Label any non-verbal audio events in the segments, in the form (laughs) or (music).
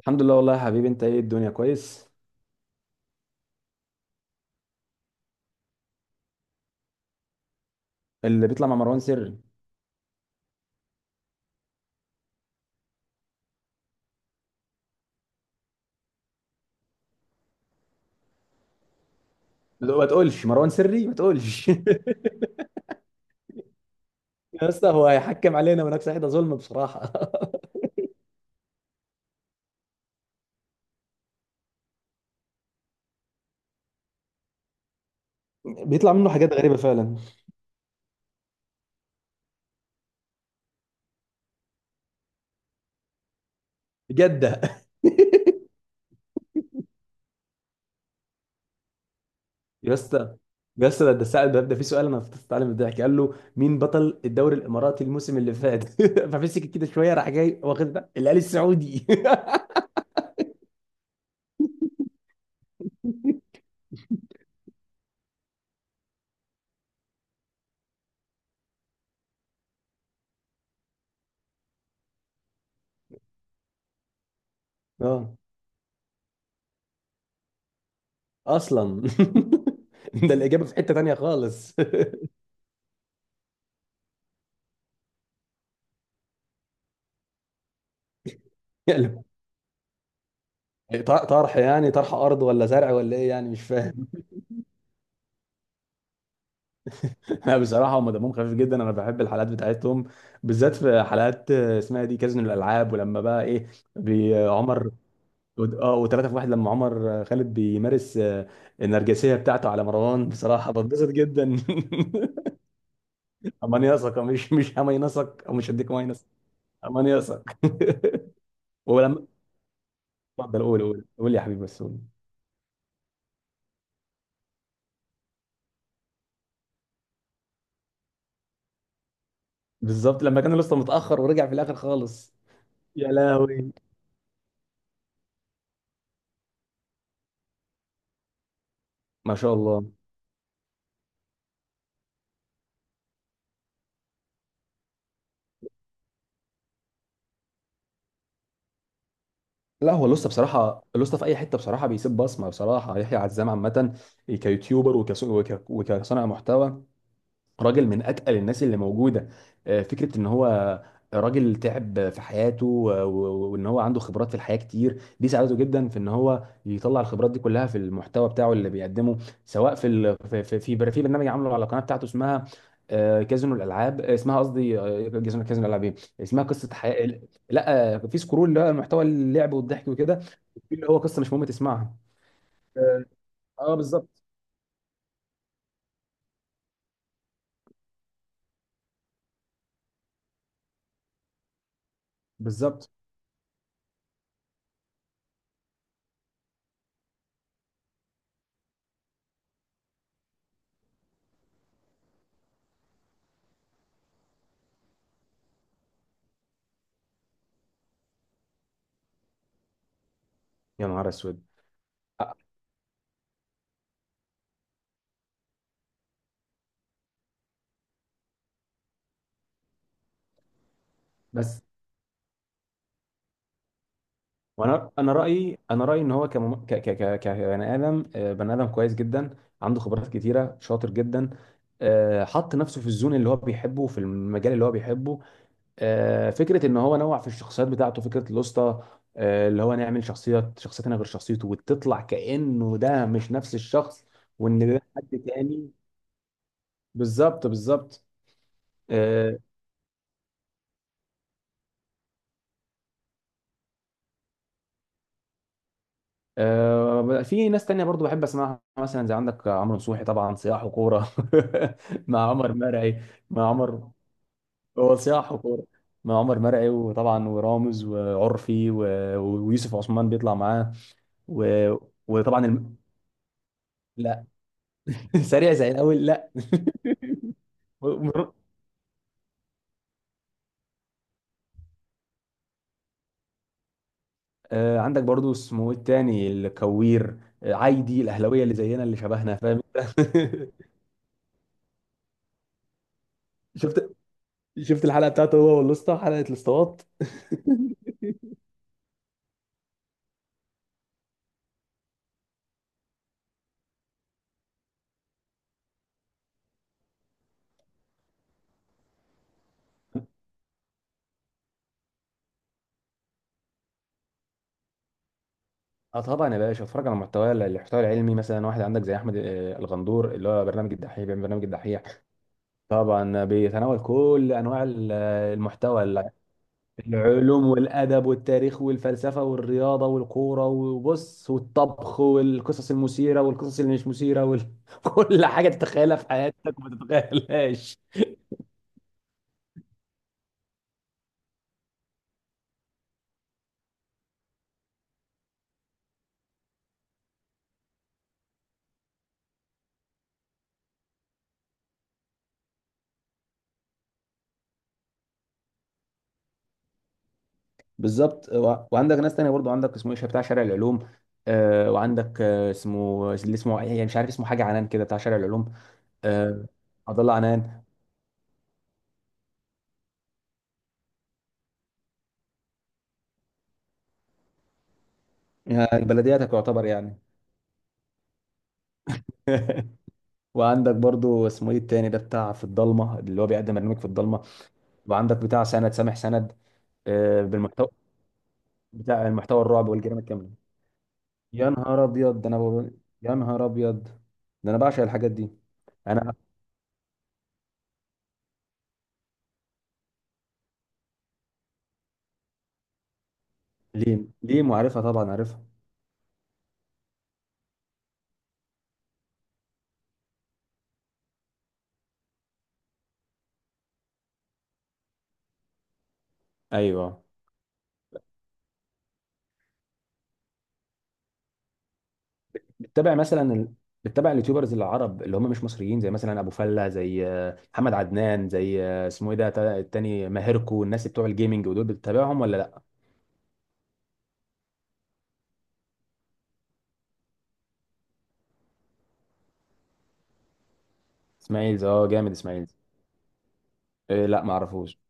الحمد لله والله يا حبيبي. انت ايه، الدنيا كويس؟ اللي بيطلع مع مروان سري؟ لا، ما تقولش مروان سري، ما تقولش. (laughs) يا اسطى، هو هيحكم علينا ونفس حته ظلم بصراحه. (laughs) بيطلع منه حاجات غريبة فعلا. جدة. (laughs) يا اسطى، يا اسطى، ده سأل ده، في سؤال انا فضلت اتعلم الضحك. قال له مين بطل الدوري الاماراتي الموسم اللي فات؟ (laughs) فمسك كده شويه، راح جاي واخد ده الهلال السعودي. (laughs) اه، اصلا. (laughs) ده الاجابه في حته تانيه خالص. (laughs) يعني طرح، يعني طرح ارض ولا زرع ولا ايه، يعني مش فاهم. (laughs) لا بصراحة هم دمهم خفيف جدا، أنا بحب الحلقات بتاعتهم. بالذات في حلقات، اسمها دي كازينو الألعاب. ولما بقى إيه، عمر، وثلاثة في واحد، لما عمر، خالد بيمارس، النرجسية بتاعته على مروان، بصراحة بتبسط جدا. (laughs) أمان يثق، مش أمان يثق، أو مش هديك أمان يثق. أمان يثق. (laughs) ولما اتفضل، قول قول قول يا حبيبي بس قول. بالظبط لما كان لسه متأخر ورجع في الآخر خالص. يا لهوي. ما شاء الله. لا هو لسه بصراحة، لسه في أي حتة بصراحة بيسيب بصمة. بصراحة يحيى عزام عامة كيوتيوبر، وكصانع محتوى، راجل من اتقل الناس اللي موجوده. فكره ان هو راجل تعب في حياته، وان هو عنده خبرات في الحياه كتير، دي ساعدته جدا في ان هو يطلع الخبرات دي كلها في المحتوى بتاعه اللي بيقدمه. سواء في ال... في في في بر- في برنامج عامله على القناه بتاعته، اسمها كازينو الالعاب، اسمها قصدي، كازينو الالعاب ايه، اسمها قصه حياه. لا، في سكرول اللي هو محتوى اللعب والضحك وكده، في اللي هو قصه مش مهم تسمعها. اه، بالظبط بالظبط. يا نهار اسود. آه، بس. وانا، انا رايي انا رايي ان هو كمم... ك... ك... ك... كبني ادم آه، بني ادم كويس جدا، عنده خبرات كتيره، شاطر جدا. حط نفسه في الزون اللي هو بيحبه، في المجال اللي هو بيحبه. فكره ان هو نوع في الشخصيات بتاعته، فكره الوسطى، اللي هو نعمل شخصيه، شخصيتنا غير شخصيته، وتطلع كانه ده مش نفس الشخص، وان ده حد تاني. بالظبط بالظبط. في ناس تانية برضو بحب اسمعها، مثلا زي عندك عمرو نصوحي، طبعا سياح وكورة (laughs) مع عمر مرعي. مع عمر، هو سياح وكورة مع عمر مرعي. وطبعا ورامز وعرفي و... ويوسف عثمان بيطلع معاه و... وطبعا لا. (laughs) سريع زي الاول، لا. (laughs) ومر- عندك برضو اسمه إيه التاني، الكوير، عايدي الاهلاويه، اللي زينا اللي شبهنا، فاهم انت. (laughs) شفت شفت الحلقه بتاعته، هو والاسطى، حلقه الاسطوات. اه طبعا يا باشا، اتفرج على المحتوى العلمي. مثلا واحد عندك زي احمد، الغندور، اللي هو برنامج الدحيح، بيعمل برنامج الدحيح. طبعا بيتناول كل انواع المحتوى، العلوم والادب والتاريخ والفلسفه والرياضه والكوره، وبص، والطبخ والقصص المثيره والقصص اللي مش مثيره، وكل (laughs) حاجه تتخيلها في حياتك وما تتخيلهاش. بالظبط. و- وعندك ناس تانية برضو، عندك اسمه ايش بتاع شارع العلوم، وعندك، اسمه اللي اسمه يعني مش عارف اسمه حاجه عنان كده، بتاع شارع العلوم. آه، عبد الله عنان. بلدياتك يعتبر يعني. (laughs) وعندك برضو اسمه ايه التاني ده، بتاع في الضلمه اللي هو بيقدم برنامج في الضلمه. وعندك بتاع سند، سامح سند، بالمحتوى، بتاع المحتوى الرعب والجريمه الكامله. يا نهار ابيض، يا نهار ابيض، ده انا بعشق الحاجات دي. انا ليم، ليم وعارفها، طبعا عارفها. ايوه. بتتابع مثلا ال... بتتابع اليوتيوبرز العرب اللي هم مش مصريين، زي مثلا ابو فله، زي محمد عدنان، زي اسمه ايه ده، التاني، ماهركو، الناس بتوع الجيمنج، ودول بتتابعهم ولا لا؟ اسماعيل، اه جامد اسماعيل. إيه، لا ما اعرفوش.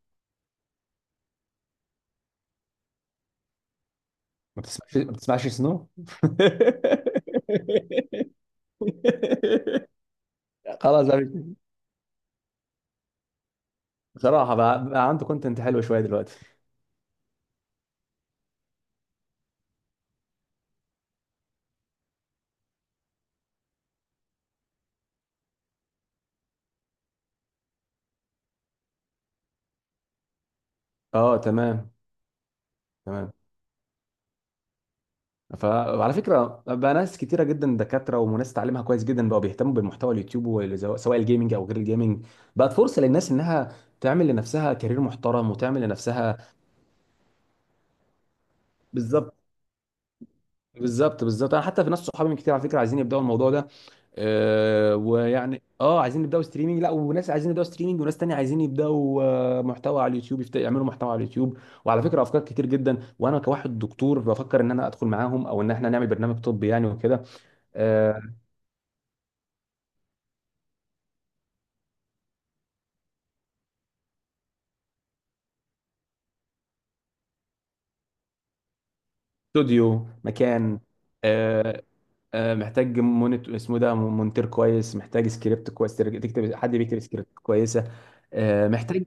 ما بتسمعش سنو؟ (laughs) خلاص بقى. بصراحه بقى، عنده كونتنت حلو شويه دلوقتي. اه تمام، تمام. وعلى فكره بقى، ناس كتيره جدا، دكاتره وناس تعليمها كويس جدا، بقوا بيهتموا بالمحتوى اليوتيوب سواء الجيمنج او غير الجيمنج، بقت فرصه للناس انها تعمل لنفسها كارير محترم، وتعمل لنفسها بالظبط بالظبط بالظبط. انا حتى في ناس صحابي من كتير على فكره عايزين يبداوا الموضوع ده. أه ويعني اه عايزين يبداوا ستريمنج. لا وناس عايزين يبداوا ستريمنج، وناس تانية عايزين يبداوا محتوى على اليوتيوب، يعملوا محتوى على اليوتيوب. وعلى فكره افكار كتير جدا، وانا كواحد دكتور بفكر ان انا ادخل معاهم، او ان احنا نعمل برنامج طبي يعني وكده. آه، استوديو مكان. آه، محتاج مونت اسمه ده مونتير كويس، محتاج سكريبت كويس، تكتب، حد بيكتب سكريبت كويسه. محتاج،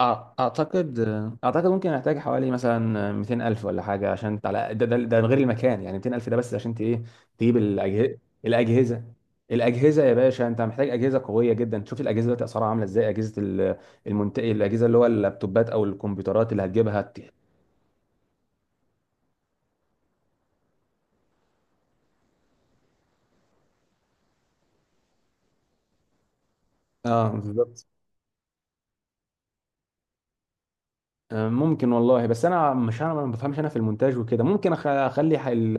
اعتقد ممكن احتاج حوالي مثلا 200,000 ولا حاجه، عشان على ده، غير المكان يعني. 200,000 ده بس عشان ايه، تجيب الاجهزه. الاجهزه، الاجهزه يا باشا، انت محتاج اجهزه قويه جدا. شوف الاجهزه دلوقتي اسعارها عامله ازاي، اجهزه الاجهزه اللي هو اللابتوبات او الكمبيوترات اللي هتجيبها. اه بالظبط. ممكن والله. بس انا مش، انا ما بفهمش انا في المونتاج وكده. ممكن اخلي حل...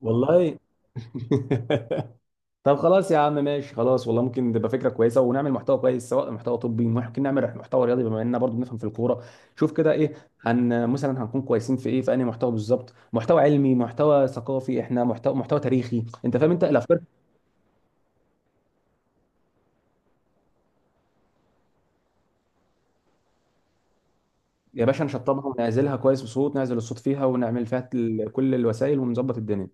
والله. (laughs) طب خلاص يا عم، ماشي، خلاص والله ممكن تبقى فكره كويسه، ونعمل محتوى كويس. سواء محتوى طبي، ممكن نعمل محتوى رياضي، بما اننا برضو بنفهم في الكوره. شوف كده ايه، هن مثلا هنكون كويسين في ايه، في انهي محتوى بالظبط، محتوى علمي، محتوى ثقافي، احنا محتوى تاريخي، انت فاهم، انت الافكار. يا باشا نشطبها ونعزلها كويس بصوت، نعزل الصوت فيها، ونعمل فيها كل الوسائل ونظبط الدنيا.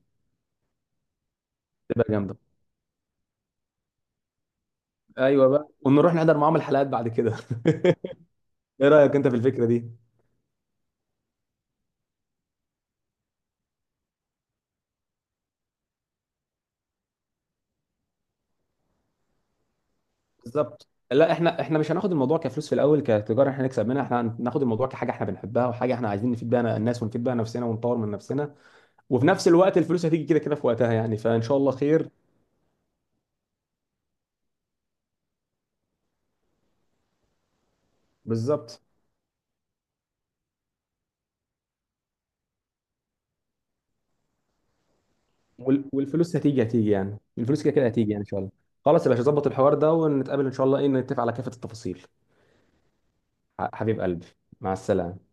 تبقى جامده. ايوه بقى، ونروح نحضر معاهم الحلقات بعد كده. (laughs) ايه رايك انت في الفكره دي؟ بالظبط. لا احنا، مش هناخد الموضوع كفلوس في الاول، كتجاره احنا نكسب منها. احنا هناخد الموضوع كحاجه احنا بنحبها، وحاجه احنا عايزين نفيد بيها الناس، ونفيد بيها نفسنا، ونطور من نفسنا. وفي نفس الوقت الفلوس هتيجي كده كده في وقتها يعني، فان شاء الله خير. بالظبط. والفلوس هتيجي، يعني، الفلوس كده كده هتيجي يعني، ان شاء الله. خلاص يا باشا، ظبط الحوار ده، ونتقابل ان شاء الله، ايه، نتفق على كافة التفاصيل. حبيب قلبي. مع السلامة.